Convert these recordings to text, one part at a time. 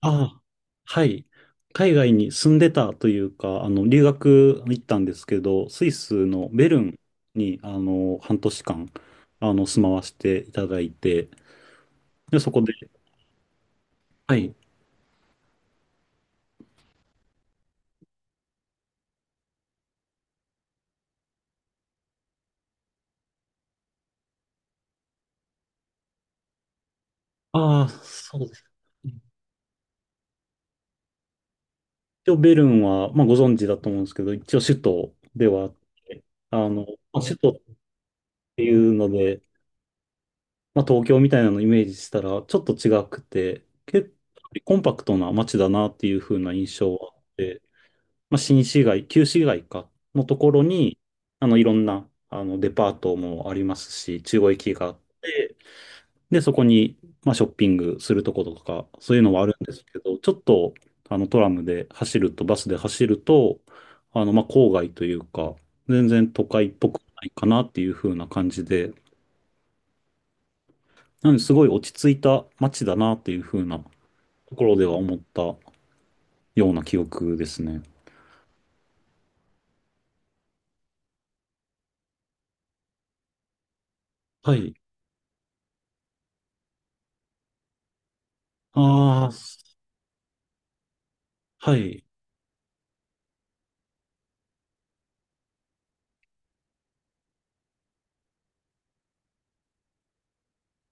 ああ、はい。海外に住んでたというか、留学行ったんですけど、スイスのベルンに、半年間、住まわせていただいて、で、そこで、はい。ああ、そうです。一応、ベルンは、まあ、ご存知だと思うんですけど、一応、首都ではあって、あの、まあ、首都っていうので、まあ、東京みたいなのをイメージしたら、ちょっと違くて、結構コンパクトな街だなっていう風な印象はあって、まあ、新市街、旧市街か、のところに、いろんな、デパートもありますし、中央駅があって、で、そこに、まあ、ショッピングするとことか、そういうのはあるんですけど、ちょっと、トラムで走ると、バスで走ると、まあ、郊外というか、全然都会っぽくないかなっていう風な感じで、なのですごい落ち着いた街だなっていう風なところでは思ったような記憶ですね。はい。ああ、はい。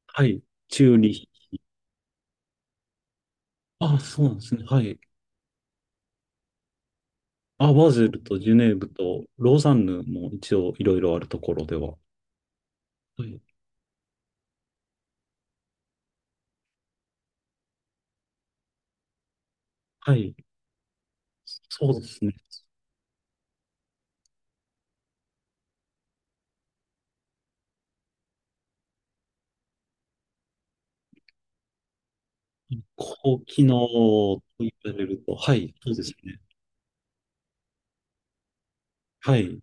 はい。チューリヒ。あ、そうなんですね。はい。あ、バズルとジュネーブとローザンヌも一応いろいろあるところでは。はい。はい。そうですね。高機能と言われると、はい。そうですね。はい。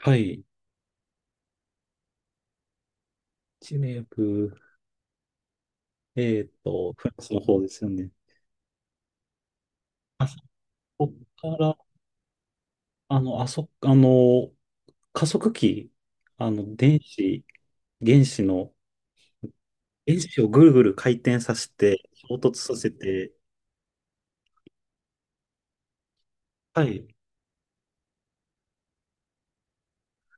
はい。ジュネーブ、フランスの方ですよね。あそこから、あの、あそ、あの、加速器、電子、原子の、原子をぐるぐる回転させて、衝突させて、はい。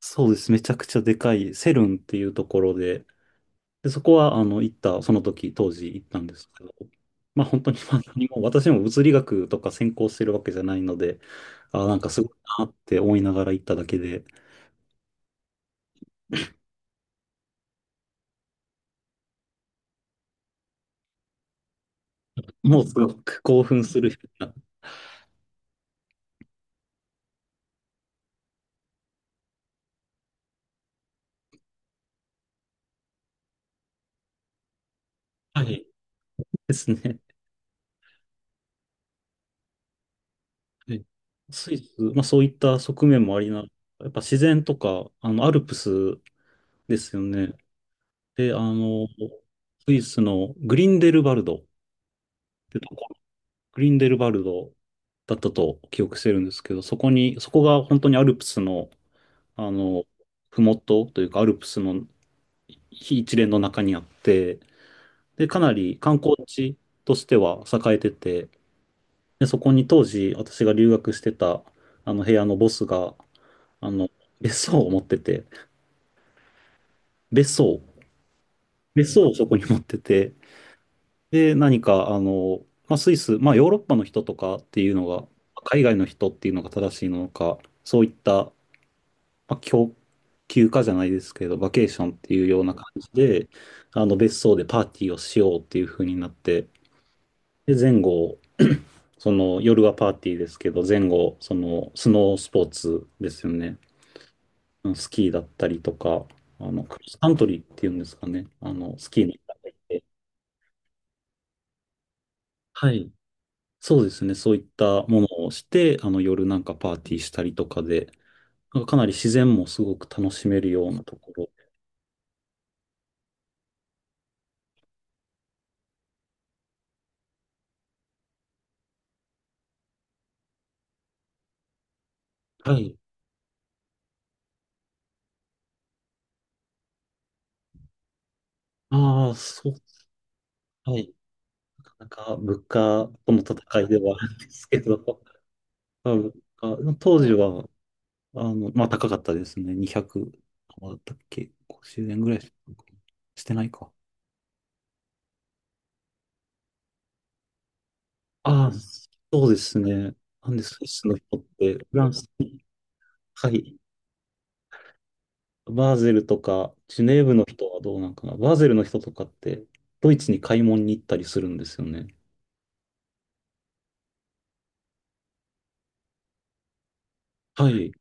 そうです。めちゃくちゃでかい、セルンっていうところで、で、そこは、あの、行った、その時、当時行ったんですけど、まあ本当に、まあ、何も私も物理学とか専攻してるわけじゃないので、あ、なんかすごいなって思いながら行っただけで、もうすごく興奮するような、はいですね。はい。スイス、まあそういった側面もありな、やっぱ自然とか、アルプスですよね。で、スイスのグリンデルバルドってとグリンデルバルドだったと記憶してるんですけど、そこが本当にアルプスの、あの、ふもとというか、アルプスの非一連の中にあって、で、かなり観光地としては栄えてて、で、そこに当時私が留学してた、あの部屋のボスが、あの、別荘を持ってて、別荘、別荘をそこに持ってて、で、何か、まあ、スイス、まあ、ヨーロッパの人とかっていうのが、海外の人っていうのが正しいのか、そういったまあ、休暇じゃないですけど、バケーションっていうような感じで、あの別荘でパーティーをしようっていう風になって、で、前後、その夜はパーティーですけど、前後、そのスノースポーツですよね。スキーだったりとか、クロスカントリーっていうんですかね。スキーに行ったりして。はい。そうですね。そういったものをして、夜なんかパーティーしたりとかで、なんかかなり自然もすごく楽しめるようなところ。はい。ああ、そう。はい。なかなか物価との戦いではあるんですけど、まあ、物価当時は、まあ高かったですね。200、あだったっけ？ 50 円ぐらいしたのかな。してないか。ああ、そうですね。なんでスイスの人って、フランスに、はい、バーゼルとか、ジュネーブの人はどうなんかな。バーゼルの人とかって、ドイツに買い物に行ったりするんですよね。はい。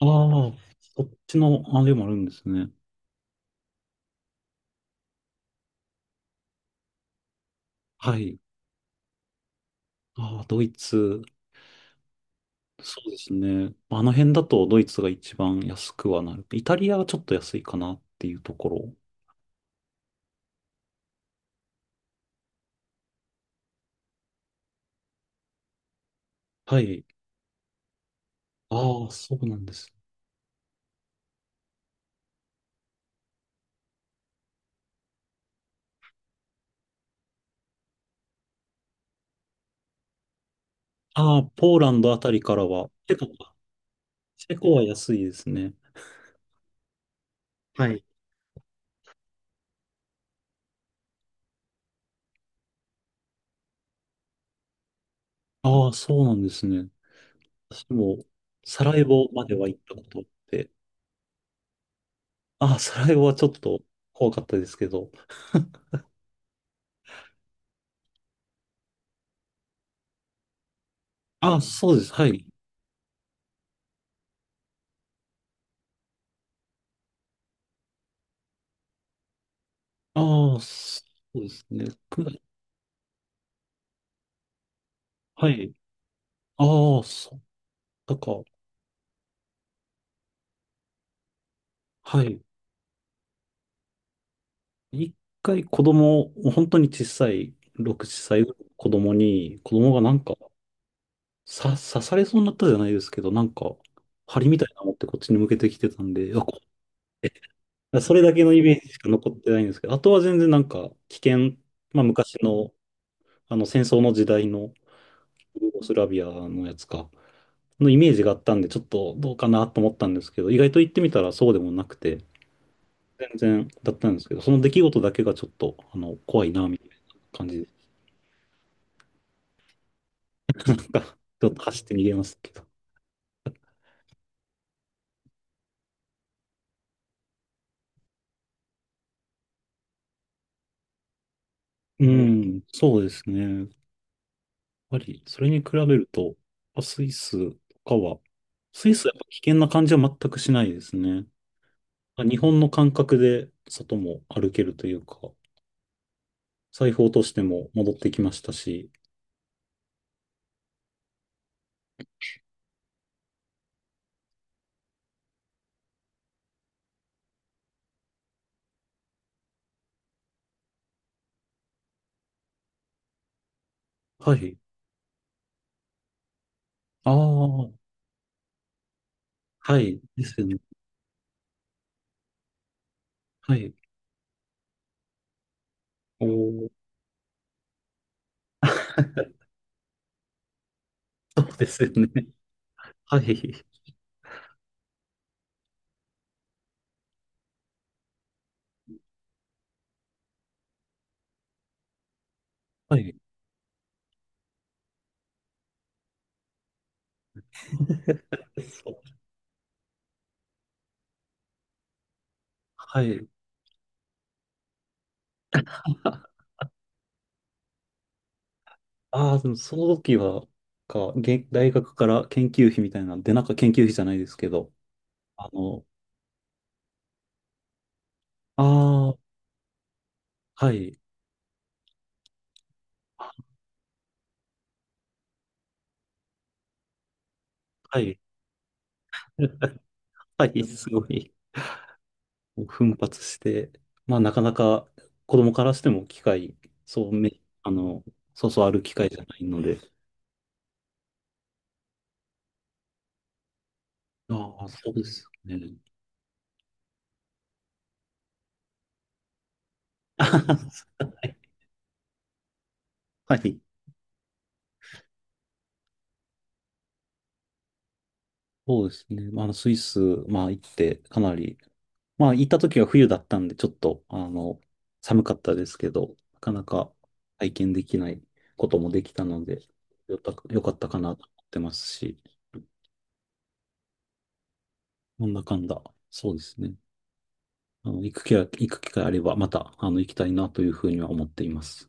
ああ、そっちのあれもあるんですね。はい。ああ、ドイツ。そうですね。あの辺だとドイツが一番安くはなる。イタリアはちょっと安いかなっていうところ。はい。ああ、そうなんです。ああ、ポーランドあたりからは、チェコか。チェコは安いですね。はい。ああ、そうなんですね。私も、サラエボまでは行ったことあって、ああ、サラエボはちょっと怖かったですけど、ああ、そうです。はい。ああ、そうですね。はい。ああ、そう、だから、はい。一回子供を、本当に小さい、6、7歳ぐらいの子供に、子供がなんか、刺されそうになったじゃないですけど、なんか、針みたいなの持ってこっちに向けてきてたんで、それだけのイメージしか残ってないんですけど、あとは全然なんか、危険、まあ昔の、あの戦争の時代の、ユーゴスラビアのやつか、のイメージがあったんで、ちょっとどうかなと思ったんですけど、意外と言ってみたらそうでもなくて、全然だったんですけど、その出来事だけがちょっと、怖いな、みたいな感じで。なんか、ちょっと走って逃げますけど。うん。ん、そうですね。やっぱり、それに比べると、あスイスとかは、スイスはやっぱ危険な感じは全くしないですね。日本の感覚で外も歩けるというか、財布落としても戻ってきましたし。はい。ああ、はい。ですよね。はい。おー、そうですよね。はい。はい。そう。はい。ああ、でもその時は、大学から研究費みたいな、で、なんか研究費じゃないですけど、あの、ああ、はい、あはい。 はい、すごい、奮発して、まあ、なかなか子供からしても機会、そうめ、あの、そうそうある機会じゃないので、ああ、そうですね。はい。はい、そうですね。まあ、あのスイス、まあ、行って、かなり、まあ、行った時は冬だったんで、ちょっと、寒かったですけど、なかなか体験できないこともできたので、よかったかなと思ってますし、なんだかんだ、そうですね。行く機会あれば、また、行きたいなというふうには思っています。